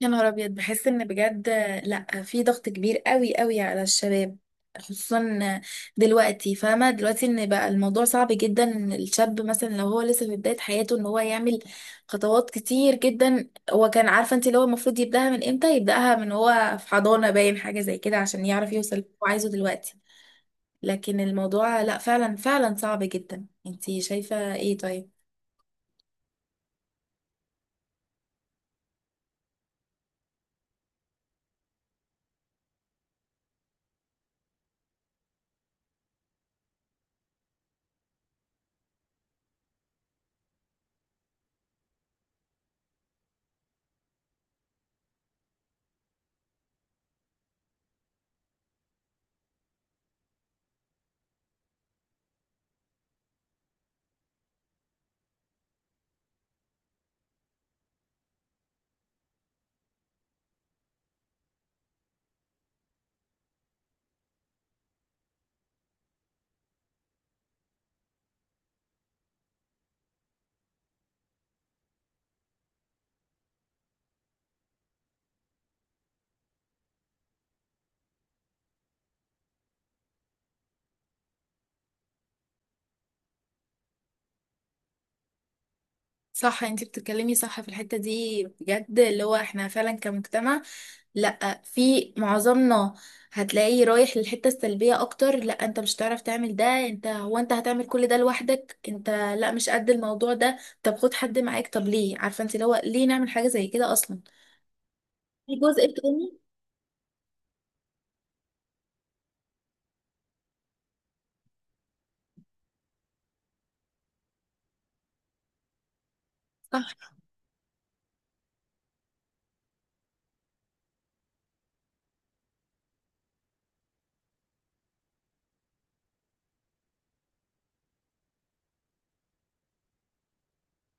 يا نهار ابيض، بحس ان بجد. لا، في ضغط كبير قوي قوي على الشباب، خصوصا دلوقتي. فاهمه دلوقتي ان بقى الموضوع صعب جدا، ان الشاب مثلا لو هو لسه في بدايه حياته ان هو يعمل خطوات كتير جدا. هو كان عارفه انت، اللي هو المفروض يبداها من امتى، يبداها من هو في حضانه، باين حاجه زي كده، عشان يعرف يوصل اللي هو عايزه دلوقتي. لكن الموضوع لا، فعلا فعلا صعب جدا. انت شايفه ايه؟ طيب صح، انت بتتكلمي صح في الحتة دي بجد. اللي هو احنا فعلا كمجتمع، لا، في معظمنا هتلاقيه رايح للحتة السلبية اكتر. لا انت مش هتعرف تعمل ده، انت هو انت هتعمل كل ده لوحدك انت، لا، مش قد الموضوع ده، طب خد حد معاك، طب ليه؟ عارفة انت، اللي هو ليه نعمل حاجة زي كده اصلا؟ في جزء تاني. صح،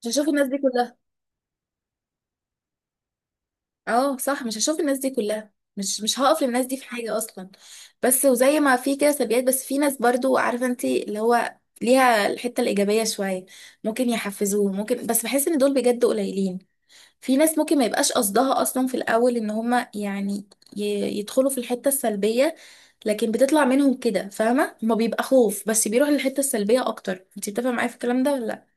مش هشوف الناس دي كلها. اه صح، مش هشوف الناس دي كلها، مش هقف للناس دي في حاجة اصلا. بس وزي ما في كده سلبيات، بس في ناس برضو عارفة، انت اللي هو ليها الحتة الإيجابية شوية، ممكن يحفزوه ممكن، بس بحس ان دول بجد قليلين. في ناس ممكن ما يبقاش قصدها اصلا في الأول ان هما يعني يدخلوا في الحتة السلبية، لكن بتطلع منهم كده، فاهمة؟ ما بيبقى خوف، بس بيروح للحتة السلبية اكتر. انت بتفهم معايا في الكلام ده ولا لا؟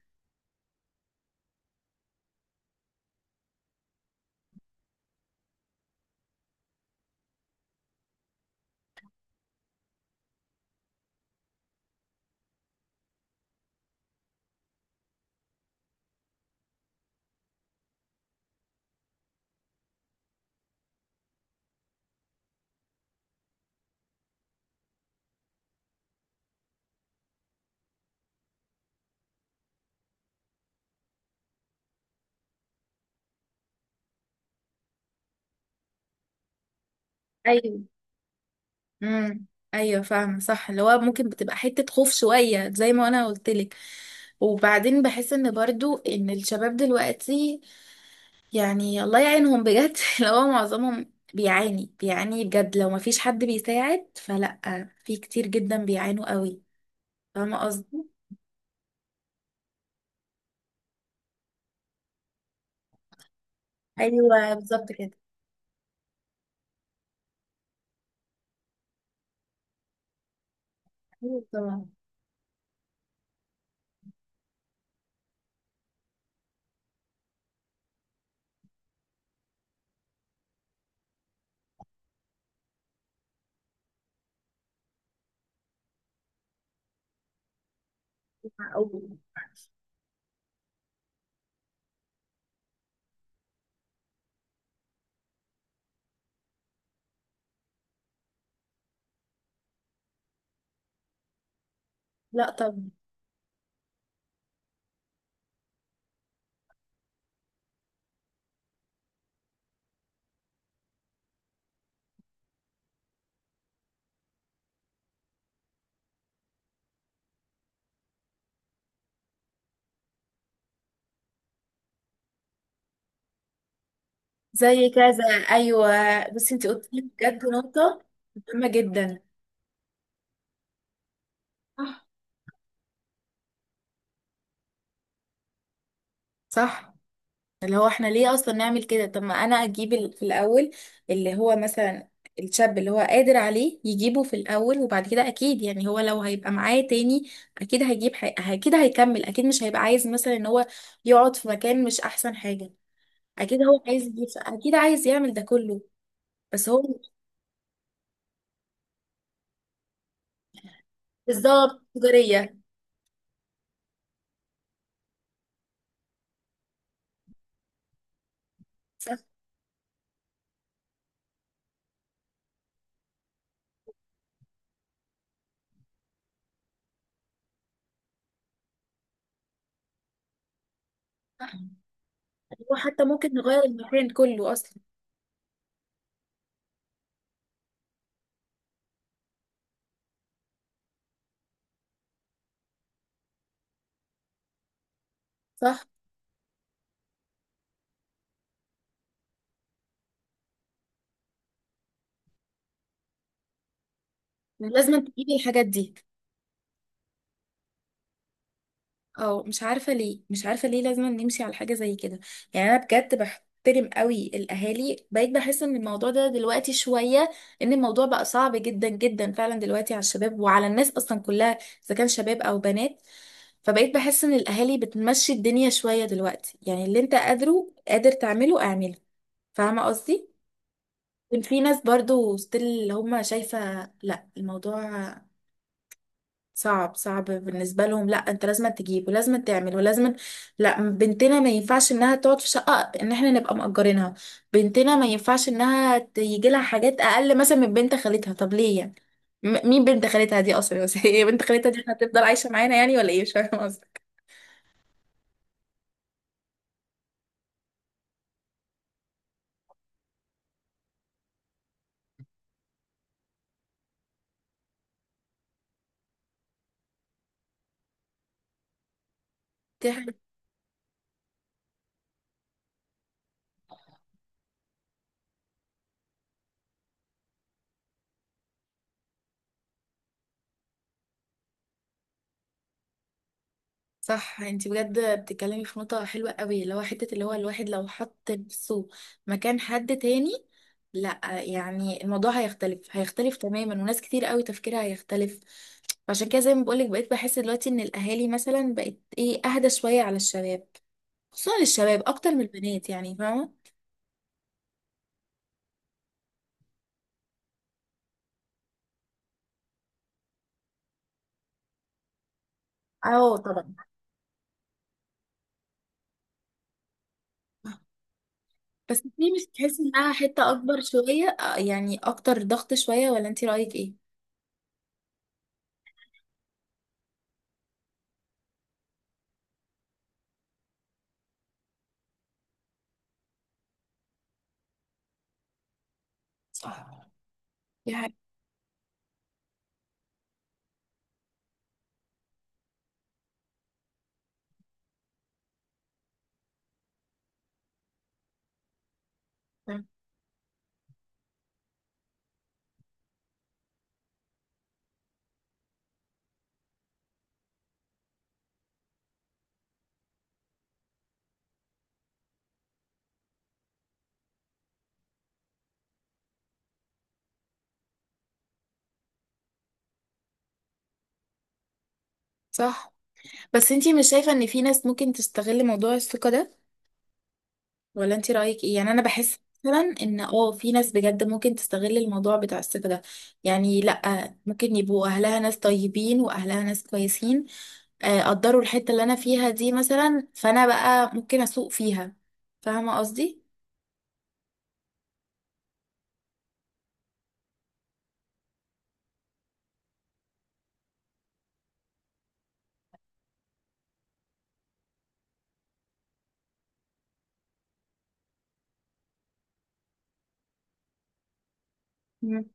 ايوه. امم. ايوه فاهمه صح، اللي هو ممكن بتبقى حته خوف شويه زي ما انا قلت لك. وبعدين بحس ان برضو ان الشباب دلوقتي، يعني الله يعينهم بجد اللي هو معظمهم بيعاني بيعاني بجد، لو ما فيش حد بيساعد فلا. في كتير جدا بيعانوا قوي. فاهمه قصدي؟ ايوه بالظبط كده. ايوه طبعا. أو- لا طبعا. زي كذا. ايوه. بس انت قلت لي بجد نقطه مهمه جدا. صح. صح، اللي هو احنا ليه اصلا نعمل كده؟ طب ما انا اجيب ال- في الاول اللي هو مثلا الشاب اللي هو قادر عليه، يجيبه في الاول وبعد كده اكيد، يعني هو لو هيبقى معاه تاني اكيد هيجيب اكيد هيكمل، اكيد مش هيبقى عايز مثلا ان هو يقعد في مكان مش احسن حاجة. اكيد هو عايز يجيب شقة، اكيد عايز يعمل ده كله. بس هو بالظبط تجارية. صح. صح. هو حتى ممكن نغير المكان كله اصلا. صح، لازم تجيب الحاجات دي. اه مش عارفة ليه، مش عارفة ليه لازم نمشي على حاجة زي كده. يعني انا بجد بحترم قوي الاهالي، بقيت بحس ان الموضوع ده دلوقتي شوية، ان الموضوع بقى صعب جدا جدا فعلا دلوقتي على الشباب وعلى الناس اصلا كلها، اذا كان شباب او بنات. فبقيت بحس ان الاهالي بتمشي الدنيا شوية دلوقتي، يعني اللي انت قادره قادر تعمله اعمله. فاهمة قصدي؟ كان في ناس برضو ستيل اللي هم شايفة، لا الموضوع صعب. صعب بالنسبة لهم، لا انت لازم تجيب ولازم تعمل ولازم، لا بنتنا ما ينفعش انها تقعد في شقة ان احنا نبقى مأجرينها، بنتنا ما ينفعش انها تيجي لها حاجات اقل مثلا من بنت خالتها. طب ليه يعني؟ مين بنت خالتها دي اصلا؟ بس هي بنت خالتها دي هتفضل عايشة معانا يعني ولا ايه؟ مش فاهمة قصدك. صح، انت بجد بتتكلمي في نقطة حلوة قوي، اللي هو حتة اللي هو الواحد لو حط نفسه مكان حد تاني، لا يعني الموضوع هيختلف، هيختلف تماما، وناس كتير قوي تفكيرها هيختلف. فعشان كده، زي ما بقولك، بقيت بحس دلوقتي ان الاهالي مثلا بقت، ايه، اهدى شوية على الشباب، خصوصا للشباب اكتر من البنات، يعني فاهمة. اه طبعا. بس دي مش تحس انها حتة اكبر شوية، اه يعني اكتر ضغط شوية، ولا انت رأيك ايه؟ صح. دي حاجة. صح. بس انتي مش شايفة ان في ناس ممكن تستغل موضوع الثقة ده؟ ولا انتي رأيك ايه؟ يعني انا بحس مثلا ان اه في ناس بجد ممكن تستغل الموضوع بتاع الثقة ده، يعني لا، ممكن يبقوا اهلها ناس طيبين واهلها ناس كويسين، قدروا الحتة اللي انا فيها دي مثلا، فانا بقى ممكن اسوق فيها. فاهمة قصدي؟ مم.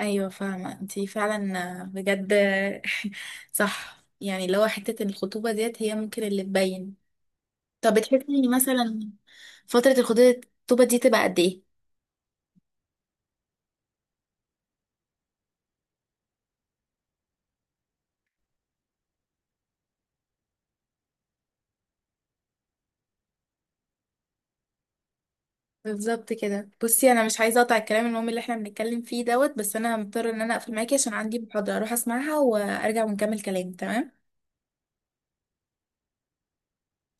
ايوه فاهمة انتي فعلا بجد صح، يعني لو حتة الخطوبة ديت هي ممكن اللي تبين. طب بتحسي مثلا فترة الخطوبة، الخطوبة دي تبقى قد ايه؟ بالظبط كده. بصي، انا مش عايزه اقطع الكلام المهم اللي احنا بنتكلم فيه دوت، بس انا مضطره ان انا اقفل معاكي عشان عندي محاضره اروح اسمعها وارجع ونكمل كلام، تمام؟